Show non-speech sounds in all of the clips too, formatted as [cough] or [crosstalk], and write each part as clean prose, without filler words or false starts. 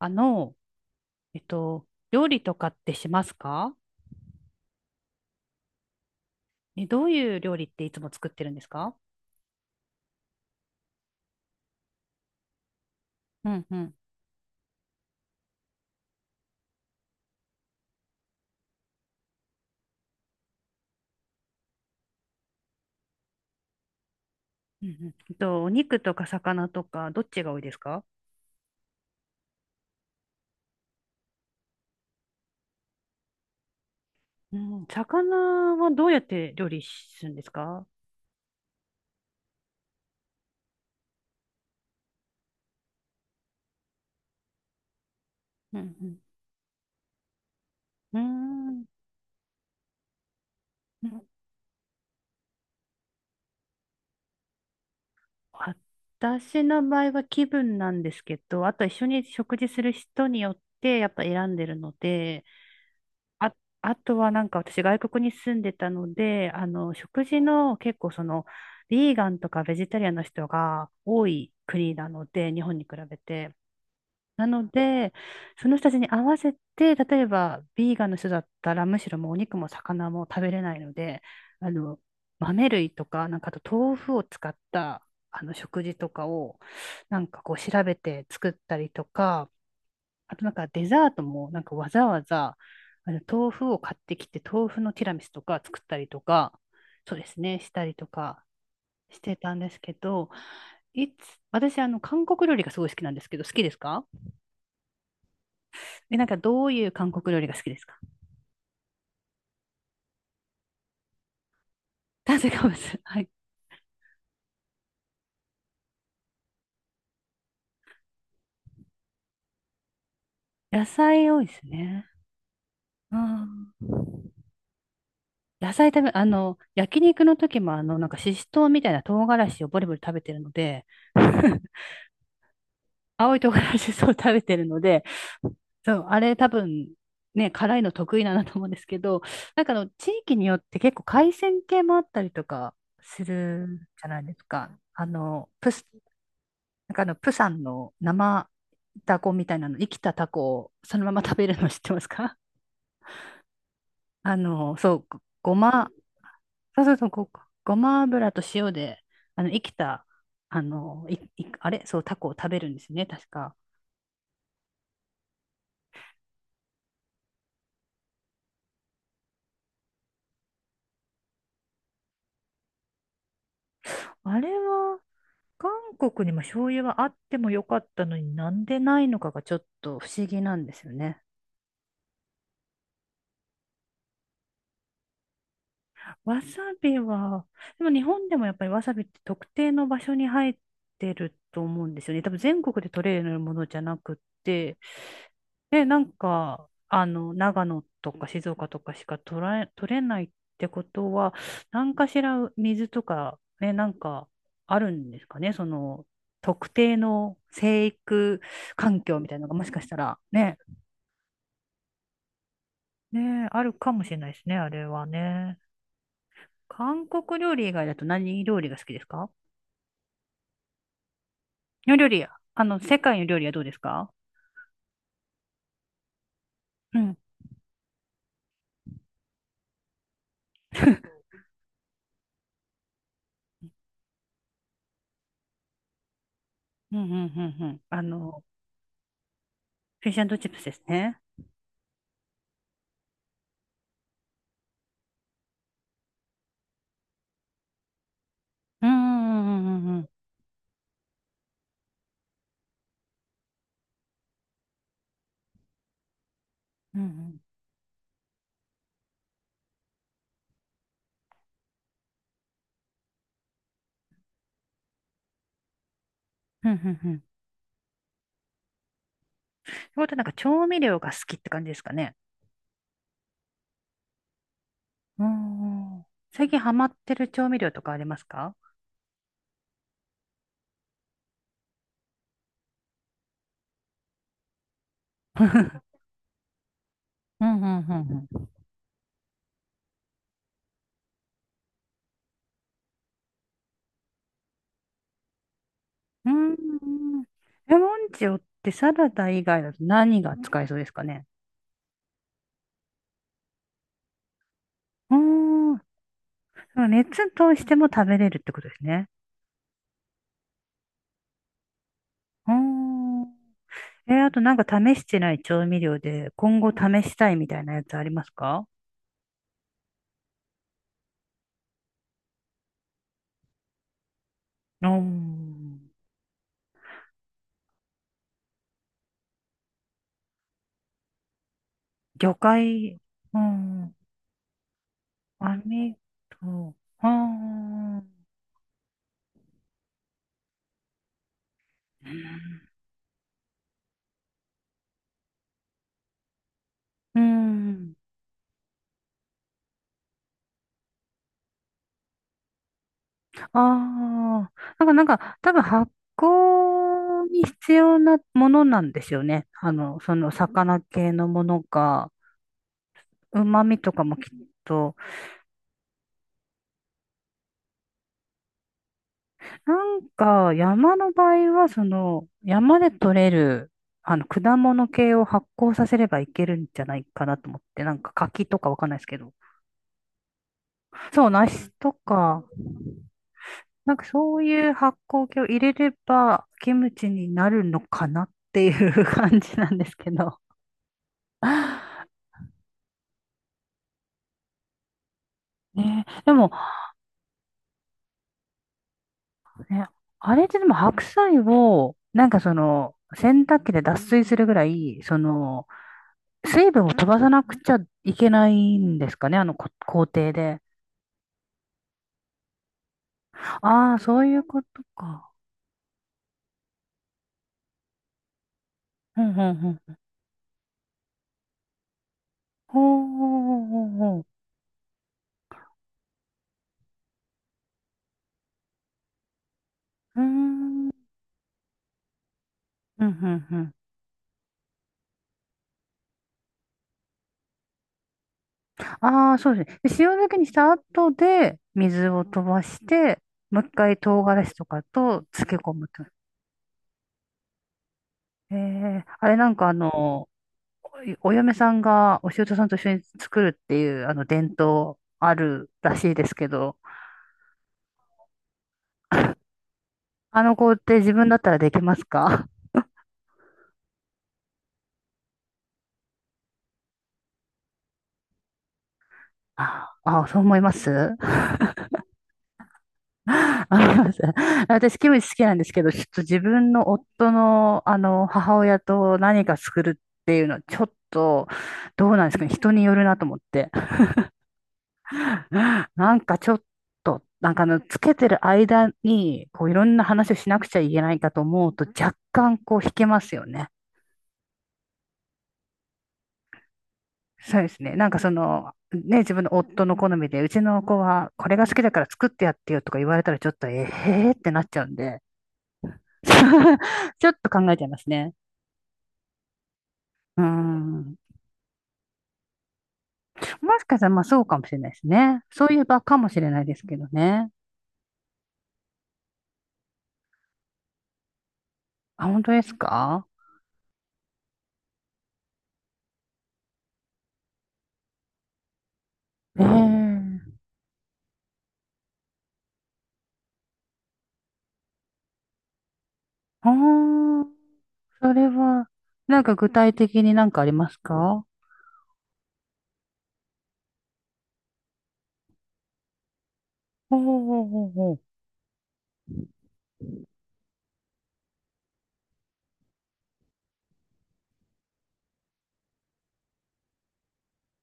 あの、料理とかってしますか？え、どういう料理っていつも作ってるんですか？うんうん。うんうん。お肉とか魚とか、どっちが多いですか？うん、魚はどうやって料理するんですか？うんうん。うーん。私の場合は気分なんですけど、あと一緒に食事する人によってやっぱ選んでるので、あ、あとはなんか私外国に住んでたので、食事の結構ビーガンとかベジタリアンの人が多い国なので、日本に比べて。なので、その人たちに合わせて、例えばビーガンの人だったら、むしろもうお肉も魚も食べれないので、あの、豆類とか、なんかあと豆腐を使った、食事とかを、なんかこう調べて作ったりとか、あとなんかデザートもなんかわざわざ豆腐を買ってきて豆腐のティラミスとか作ったりとか、そうですね、したりとかしてたんですけど、いつ、私韓国料理がすごい好きなんですけど、好きですか？え、なんかどういう韓国料理が好きですか？炭水化物 [laughs]。はい。野菜多いですね。うん。野菜食べ、焼肉の時もなんかししとうみたいな唐辛子をボリボリ食べてるので、[laughs] 青い唐辛子そう食べてるので、そう、あれ多分、ね、辛いの得意なんだと思うんですけど、なんか、地域によって結構海鮮系もあったりとかするじゃないですか。なんかプサンの生タコみたいなの、生きたタコをそのまま食べるの知ってますか？ [laughs] そう、ごごま、そうそうそう、ごま油と塩で、生きた、あれ、そう、タコを食べるんですね、確か。あれは、韓国にも醤油はあってもよかったのになんでないのかがちょっと不思議なんですよね。わさびは、でも日本でもやっぱりわさびって特定の場所に生えてると思うんですよね。多分全国で取れるものじゃなくって、で、なんか、長野とか静岡とかしか取れないってことは、何かしら水とか、ね、なんかあるんですかね、特定の生育環境みたいなのがもしかしたらね、ね、あるかもしれないですね、あれはね。韓国料理以外だと何料理が好きですか？の料理や、世界の料理はどうですか？うん。[laughs] うんうんうんうん。フィッシュチップスですね。うんうんうんうんうん。うんうん。うんうんうん。ってことはなんか調味料が好きって感じですかね？うん。最近ハマってる調味料とかありますか？ [laughs] うんうんうんうん。うんうんうん。レモン塩ってサラダ以外だと何が使えそうですかね？うん。熱通しても食べれるってことですね。うーん。あとなんか試してない調味料で今後試したいみたいなやつありますか？うーん。魚介、うんん。網と、うーん。うーん。ああ。なんか多分発酵に必要なものなんですよね。その魚系のものが、旨味とかもきっと山の場合は、山で採れる、果物系を発酵させればいけるんじゃないかなと思って、なんか柿とかわかんないですけど、そう、梨とか、なんかそういう発酵系を入れれば、キムチになるのかなっていう [laughs] 感じなんですけど。[laughs] ね、でも、ね、あれってでも白菜を、なんか、洗濯機で脱水するぐらい、水分を飛ばさなくちゃいけないんですかね、あのこ工程で。ああ、そういうことか。うん、うん、うん。ほうほうほうほううーん。うん、うん、うん。ああ、そうですね。で塩漬けにした後で、水を飛ばして、もう一回唐辛子とかと漬け込むと。あれなんかお嫁さんがお舅さんと一緒に作るっていう、あの伝統あるらしいですけど、あの工程自分だったらできますか？ああ、そう思います。あ [laughs] 思います。私、キムチ好きなんですけど、ちょっと自分の夫の、母親と何か作るっていうのは、ちょっと、どうなんですかね。人によるなと思って。なんかちょっと、なんか、つけてる間に、こう、いろんな話をしなくちゃいけないかと思うと、若干、こう、引けますよね。そうですね。なんかね、自分の夫の好みで、うちの子は、これが好きだから作ってやってよとか言われたら、ちょっと、へーってなっちゃうんで。[laughs] ちょっと考えちゃいますね。うん。もしかしたら、まあそうかもしれないですね。そういえばかもしれないですけどね。あ、本当ですか？ええ、ああー、それは、なんか具体的になんかありますか？ほうほうほうほう。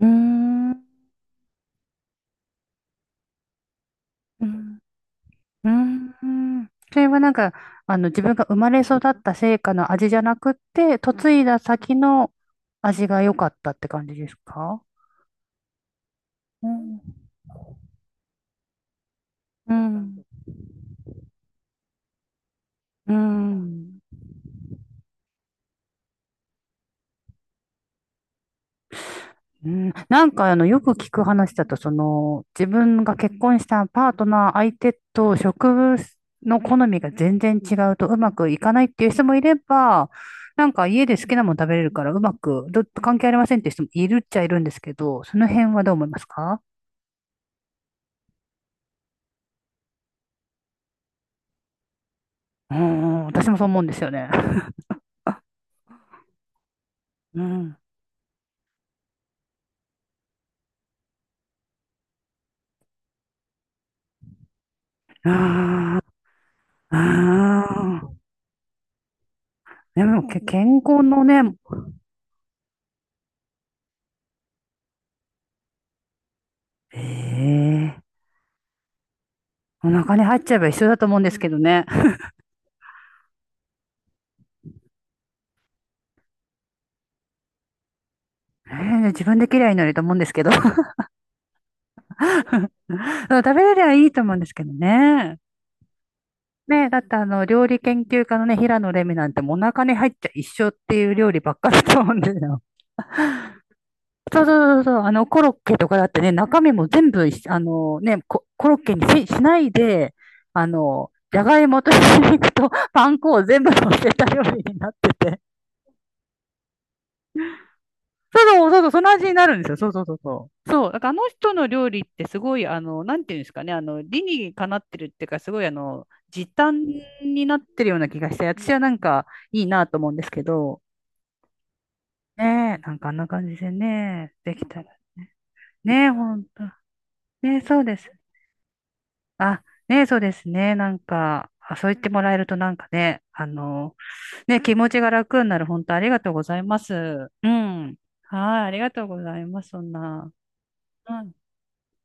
うーん。うーん。うーん、それはなんか、自分が生まれ育った成果の味じゃなくて、嫁いだ先の味が良かったって感じですか？うん。うん。うん。うん、なんかよく聞く話だと、自分が結婚したパートナー相手と植物の好みが全然違うとうまくいかないっていう人もいれば、なんか家で好きなもの食べれるからうまく、ど、関係ありませんっていう人もいるっちゃいるんですけど、その辺はどう思いますか？うん、私もそう思うんですよね。うん。ああ、ああ。でも、健康のね、ええお腹に入っちゃえば一緒だと思うんですけどね。え自分で嫌いになると思うんですけど。そう、食べれりゃいいと思うんですけどね。ね、だって料理研究家のね、平野レミなんてもうお腹に入っちゃ一緒っていう料理ばっかりだと思うんですよ。そうそうそうそう、コロッケとかだってね、中身も全部一緒、あのね、コ、コロッケにし、しないで、じゃがいもとひき肉とパン粉を全部乗せた料理になってて、そうそうそう、その味になるんですよ。そうそうそうそう。そう、だからあの人の料理ってすごい、なんていうんですかね、理にかなってるっていうか、すごい、時短になってるような気がして、私はなんかいいなと思うんですけど、ねえ、なんかあんな感じでね、できたらね。ねえ、ほんと。ねえ、そうです。あ、ねえ、そうですね。なんか、あ、そう言ってもらえるとなんかね、ね、気持ちが楽になる。本当ありがとうございます。うん。はい、ありがとうございます。そんな。うん。